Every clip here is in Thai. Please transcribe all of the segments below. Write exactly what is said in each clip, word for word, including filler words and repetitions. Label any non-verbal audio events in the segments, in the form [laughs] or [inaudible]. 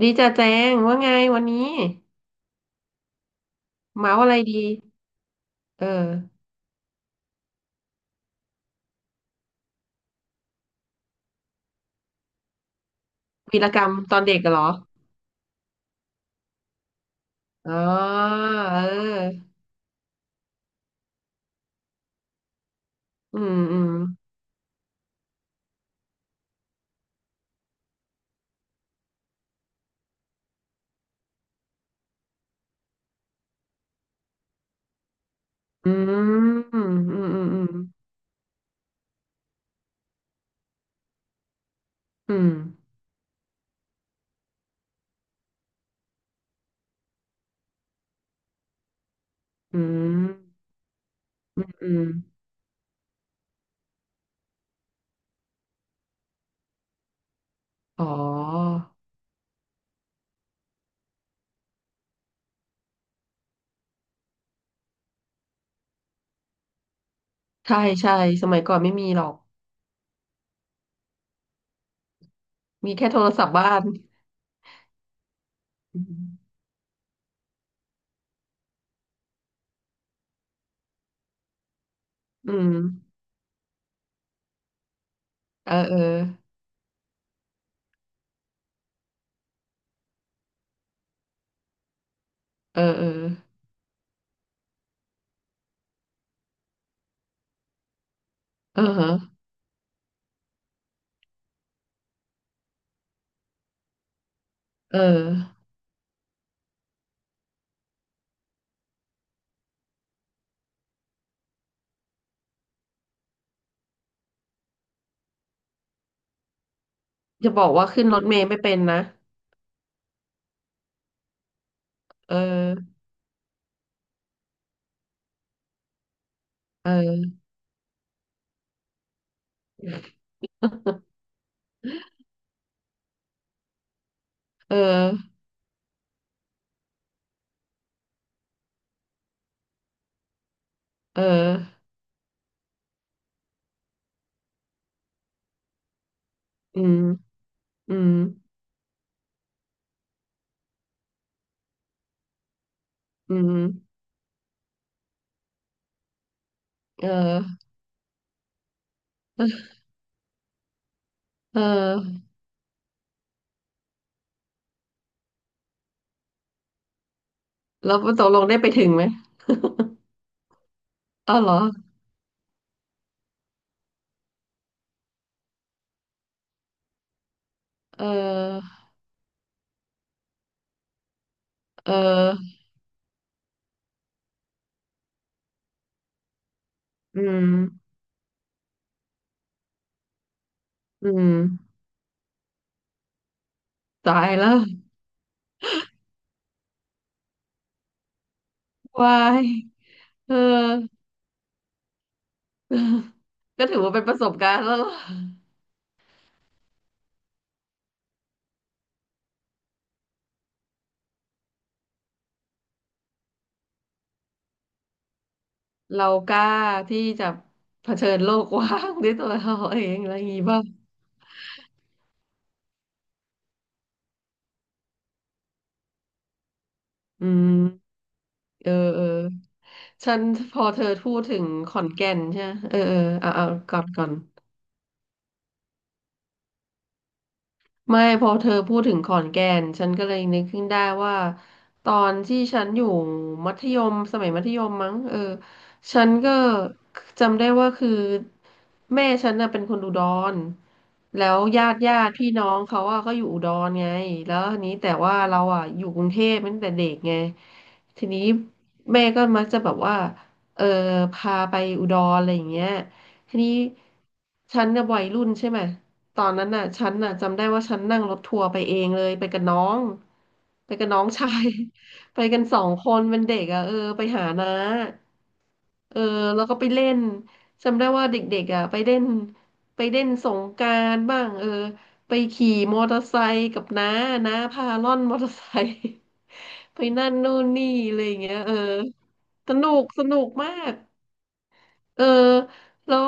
ดีจ้าแจงว่าไงวันนี้เมาอะไรดีเออวีรกรรมตอนเด็กเหรออ๋อเอออืมอืมอืมอืมอืมอืมอืมอืมอืมอ๋อใช่ใช่สมัยก่อนไม่มีหรอกมีแค่โทรศัพท์บ้านอืมอืมเออเออเออเออเออฮะเออจะบอกว่าขึ้นรถเมล์ไม่เป็นนะเออเออเออเอออืมอืม อืมเออเออแล้วตกลงได้ไปถึงไหมอ้าวเหรอเออเอออืมอืมตายแล้ว วาย เออ ก็ถือว่าเป็นประสบการณ์แล้วล่ะเรากล้าที่จะเผชิญโลกกว้างด้วยตัวเราเองอะไรอย่างงี้ป่ะอืมเออเออฉันพอเธอพูดถึงขอนแก่นใช่ไหมเออเออเอาเอาก่อนก่อน ไม่พอเธอพูดถึงขอนแก่นฉันก็เลยนึกขึ้นได้ว่าตอนที่ฉันอยู่มัธยมสมัยมัธยมมั้งเออฉันก็จำได้ว่าคือแม่ฉันน่ะเป็นคนอุดรแล้วญาติญาติพี่น้องเขาอ่ะก็อยู่อุดรไงแล้วทีนี้แต่ว่าเราอ่ะอยู่กรุงเทพตั้งแต่เด็กไงทีนี้แม่ก็มักจะแบบว่าเออพาไปอุดรอะไรอย่างเงี้ยทีนี้ฉันเนี่ยวัยรุ่นใช่ไหม ตอนนั้นน่ะฉันน่ะจำได้ว่าฉันนั่งรถทัวร์ไปเองเลยไปกับน้องไปกับน้องชาย [laughs] ไปกันสองคนเป็นเด็กอ่ะเออไปหาน้าเออแล้วก็ไปเล่นจำได้ว่าเด็กๆอ่ะไปเล่นไปเล่นสงกรานต์บ้างเออไปขี่มอเตอร์ไซค์กับน้าน้าพาล่อนมอเตอร์ไซค์ [laughs] ไปนั่นนู่นนี่อะไรอย่างเงี้ยเออสนุกสนุกมาก เออแล้ว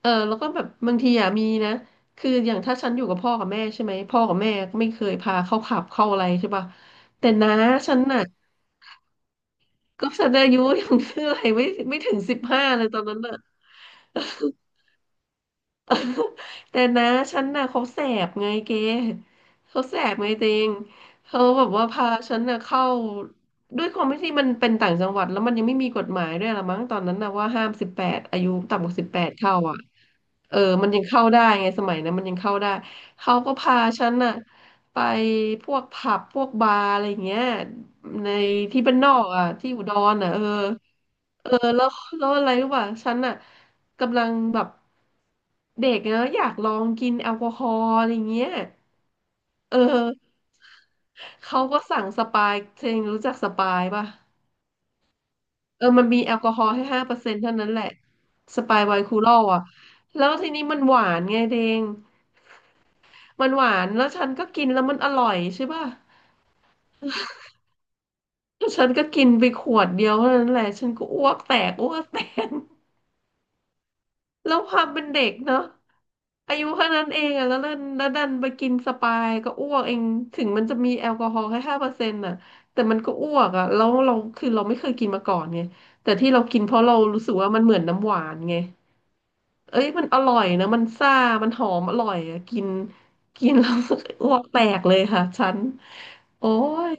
เออแล้วก็แบบบางทีอ่ะมีนะคืออย่างถ้าฉันอยู่กับพ่อกับแม่ใช่ไหมพ่อกับแม่ก็ไม่เคยพาเข้าผับเข้าอะไรใช่ป่ะแต่น้าฉันน่ะก็ฉันอายุยัง [laughs] คืออะไรไม่ไม่ถึงสิบห้าเลยตอนนั้นน่ะ [laughs] แต่นะฉันน่ะเขาแสบไงเกเขาแสบไงจริงเขาแบบว่าพาฉันน่ะเข้าด้วยความที่มันเป็นต่างจังหวัดแล้วมันยังไม่มีกฎหมายด้วยละมั้งตอนนั้นน่ะว่าห้ามสิบแปดอายุต่ำกว่าสิบแปดเข้าอ่ะเออมันยังเข้าได้ไงสมัยนั้นมันยังเข้าได้เขาก็พาฉันน่ะไปพวกผับพวกบาร์อะไรอย่างเงี้ยในที่บ้านนอกอ่ะที่อุดรอ่ะเออเออแล้วแล้วอะไรรู้ป่ะฉันน่ะ กำลังแบบเด็กนะอยากลองกินแอลกอฮอล์อะไรเงี้ยเออเขาก็สั่งสปายเชงรู้จักสปายป่ะเออมันมีแอลกอฮอล์ให้ห้าเปอร์เซ็นต์เท่านั้นแหละสปายไวน์คูลอลอ่ะแล้วทีนี้มันหวานไงเดงมันหวานแล้วฉันก็กินแล้วมันอร่อยใช่ป่ะแล้วฉันก็กินไปขวดเดียวเท่านั้นแหละฉันก็อ้วกแตกอ้วกแตก แล้วความเป็นเด็กเนาะอายุแค่นั้นเองอะแล้วดันแล้วดันไปกินสปายก็อ้วกเองถึงมันจะมีแอลกอฮอล์แค่ห้าเปอร์เซ็นต์อะแต่มันก็อ้วกอะแล้วเราคือเราไม่เคยกินมาก่อนไงแต่ที่เรากินเพราะเรารู้สึกว่ามันเหมือนน้ำหวานไง เอ้ยมันอร่อยนะมันซ่ามันหอมอร่อยอะกินกินแล้ว [laughs] อ้วกแตกเลยค่ะฉันโอ้ย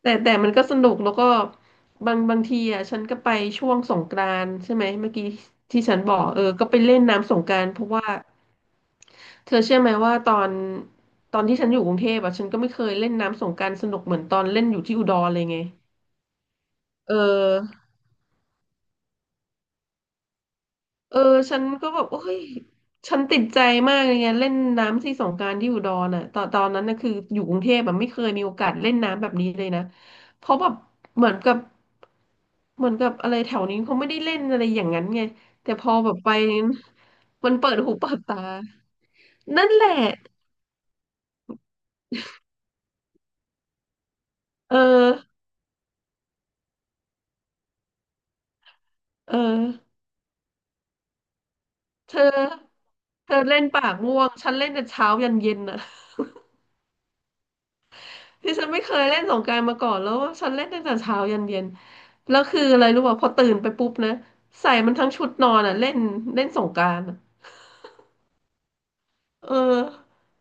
แต่แต่มันก็สนุกแล้วก็บางบางทีอ่ะฉันก็ไปช่วงสงกรานต์ใช่ไหมเมื่อกี้ที่ฉันบอกเออก็ไปเล่นน้ำสงกรานต์เพราะว่าเธอเชื่อไหมว่าตอนตอนที่ฉันอยู่กรุงเทพอ่ะฉันก็ไม่เคยเล่นน้ำสงกรานต์สนุกเหมือนตอนเล่นอยู่ที่อุดรเลยไงเออ เออฉันก็แบบโอ้ยฉันติดใจมากเลยไงเล่นน้ำที่สงกรานต์ที่อุดรน่ะตอนตอนนั้นน่ะคืออยู่กรุงเทพแบบไม่เคยมีโอกาสเล่นน้ำแบบนี้เลยนะเพราะแบบเหมือนกับเหมือนกับอะไรแถวนี้เขาไม่ได้เล่นอะไรอย่างนั้นไงแต่พอแบบไปมันเปิดหูเปิดตานั่นแหละเออเออเธอเธอเล่นปากม่วงฉันเล่นแต่เช้ายันเย็นอ่ะ ที่ฉันไม่เคยเล่นสงกรานต์มาก่อนแล้วฉันเล่นตั้งแต่เช้ายันเย็นแล้วคืออะไรรู้ป่ะพอตื่นไปปุ๊บนะใส่มันทั้งชุดนอนอ่ะเล่นเล่นสงกรานต์อะเออ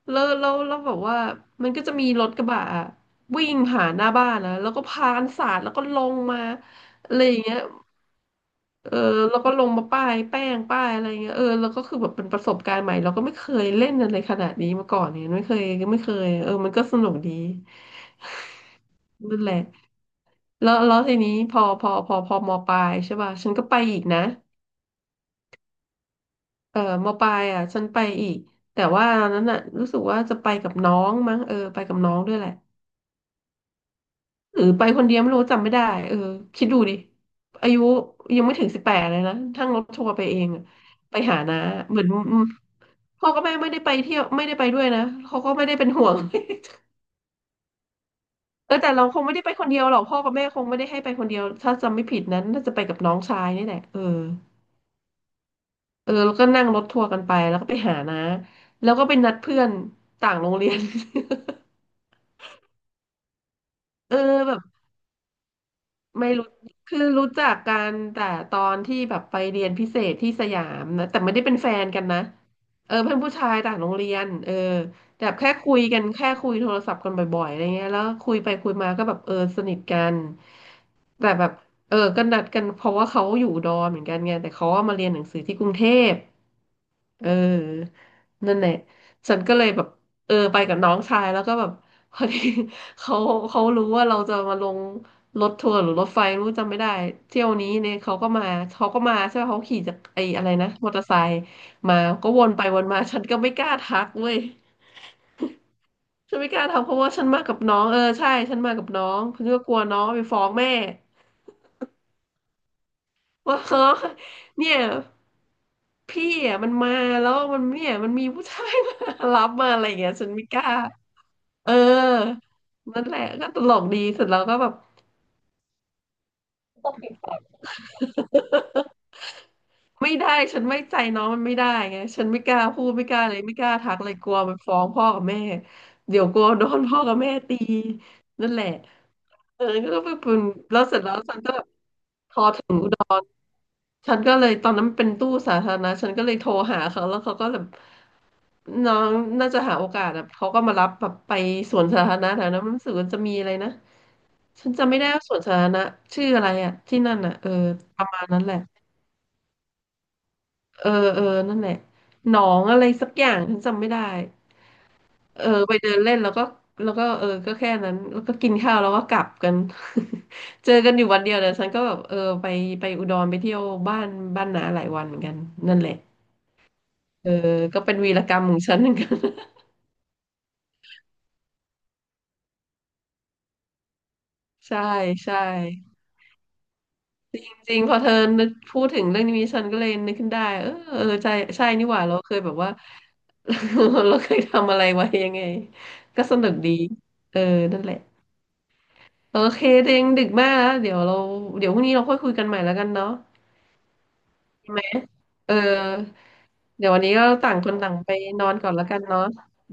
แล้วแล้วแล้วแบบว่ามันก็จะมีรถกระบะอะวิ่งผ่านหน้าบ้านนะแล้วก็พากันสาดแล้วก็ลงมาอะไรอย่างเงี้ยเออแล้วก็ลงมาป้ายแป้งป้ายอะไรเงี้ยเออแล้วก็คือแบบเป็นประสบการณ์ใหม่เราก็ไม่เคยเล่นอะไรขนาดนี้มาก่อนเนี่ยไม่เคยไม่เคยเออมันก็สนุกดีนั่นแหละ แล้วแล้วทีนี้พอพอพอพอมปลายใช่ป่ะฉันก็ไปอีกนะเออมปลายอ่ะฉันไปอีกแต่ว่าตอนนั้นอ่ะรู้สึกว่าจะไปกับน้องมั้งเออไปกับน้องด้วยแหละหรือไปคนเดียวไม่รู้จำไม่ได้เออคิดดูดิอายุยังไม่ถึงสิบแปดเลยนะทั้งรถทัวร์ไปเองอะไปหาน้าเหมือนพ่อกับแม่ไม่ได้ไปเที่ยวไม่ได้ไปด้วยนะเขาก็ไม่ได้เป็นห่วง [laughs] เออแต่เราคงไม่ได้ไปคนเดียวหรอกพ่อกับแม่คงไม่ได้ให้ไปคนเดียวถ้าจำไม่ผิดนั้นน่าจะไปกับน้องชายนี่แหละเออ เออแล้วก็นั่งรถทัวร์กันไปแล้วก็ไปหานะแล้วก็ไปนัดเพื่อนต่างโรงเรียน [laughs] เออแบบไม่รู้คือรู้จักกันแต่ตอนที่แบบไปเรียนพิเศษที่สยามนะแต่ไม่ได้เป็นแฟนกันนะเออเพื่อนผู้ชายต่างโรงเรียนเออแต่แบบแค่คุยกันแค่คุยโทรศัพท์กันบ่อยๆอะไรเงี้ยแล้วคุยไปคุยมาก็แบบเออสนิทกันแต่แบบเออก็นัดกันเพราะว่าเขาอยู่ดอมเหมือนกันไงแต่เขาว่ามาเรียนหนังสือที่กรุงเทพ เออนั่นแหละฉันก็เลยแบบเออไปกับน้องชายแล้วก็แบบ [laughs] พอดี [laughs] เขาเขารู้ว่าเราจะมาลงรถทัวร์หรือรถไฟไม่รู้จำไม่ได้เที่ยวนี้เนี่ยเขาก็มาเขาก็มาใช่ไหมเขาขี่จากไอ้อะไรนะมอเตอร์ไซค์มาก็วนไปวนมาฉันก็ไม่กล้าทักเว้ยฉันไม่กล้าทักเพราะว่าฉันมากับน้องเออใช่ฉันมากับน้องฉันก็กลัวน้องไปฟ้องแม่ ว่าเออเนี่ยพี่อ่ะมันมาแล้วมันเนี่ยมันมีผู้ชายมารับมาอะไรอย่างเงี้ยฉันไม่กล้าเออนั่นแหละก็ตลกดีเสร็จแล้วก็แบบไม่ได้ฉันไม่ใจน้องมันไม่ได้ไงฉันไม่กล้าพูดไม่กล้าเลยไม่กล้าทักเลยกลัวมันฟ้องพ่อกับแม่เดี๋ยวกลัวโดนพ่อกับแม่ตีนั่นแหละเออก็เป็นแล้วเสร็จแล้วฉันก็พอถึง ฉันก็เลยตอนนั้นเป็นตู้สาธารณะฉันก็เลยโทรหาเขาแล้วเขาก็แบบน้องน่าจะหาโอกาสอะเขาก็มารับแบบไปสวนสาธารณะแถวนั้นมันรู้สึกว่าจะมีอะไรนะฉันจำไม่ได้ว่าสวนสาธารณะชื่ออะไรอะที่นั่นอะเออประมาณนั้นแหละ เออเออนั่นแหละหนองอะไรสักอย่างฉันจำไม่ได้เออไปเดินเล่นแล้วก็แล้วก็เออก็แค่นั้นแล้วก็กินข้าวแล้วก็กลับกัน [laughs] เจอกันอยู่วันเดียวแต่ฉันก็แบบเออไปไปอุดรไปเที่ยวบ้านบ้านน้าหลายวันเหมือนกันนั่นแหละ เออก็เป็นวีรกรรมของฉันเหมือนกัน [laughs] ใช่ใช่จริงพอเธอนึกพูดถึงเรื่องนี้ฉันก็เลยนึกขึ้นได้เออเออใช่ใช่นี่หว่าเราเคยแบบว่า [laughs] เราเคยทำอะไรไว้ยังไงก็สนุกดีเออนั่นแหละโอเคเดงดึกมากแล้วเดี๋ยวเราเดี๋ยวพรุ่งนี้เราค่อยคุยกันใหม่แล้วกันเนาะใช่ไหมเออเดี๋ยววันนี้ก็ต่างคนต่างไปนอนก่อนแล้วกันเนาะ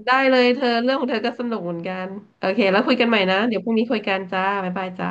ได้เลยเธอเรื่องของเธอก็สนุกเหมือนกันโอเคแล้วคุยกันใหม่นะเดี๋ยวพรุ่งนี้คุยกันจ้าบ๊ายบายจ้า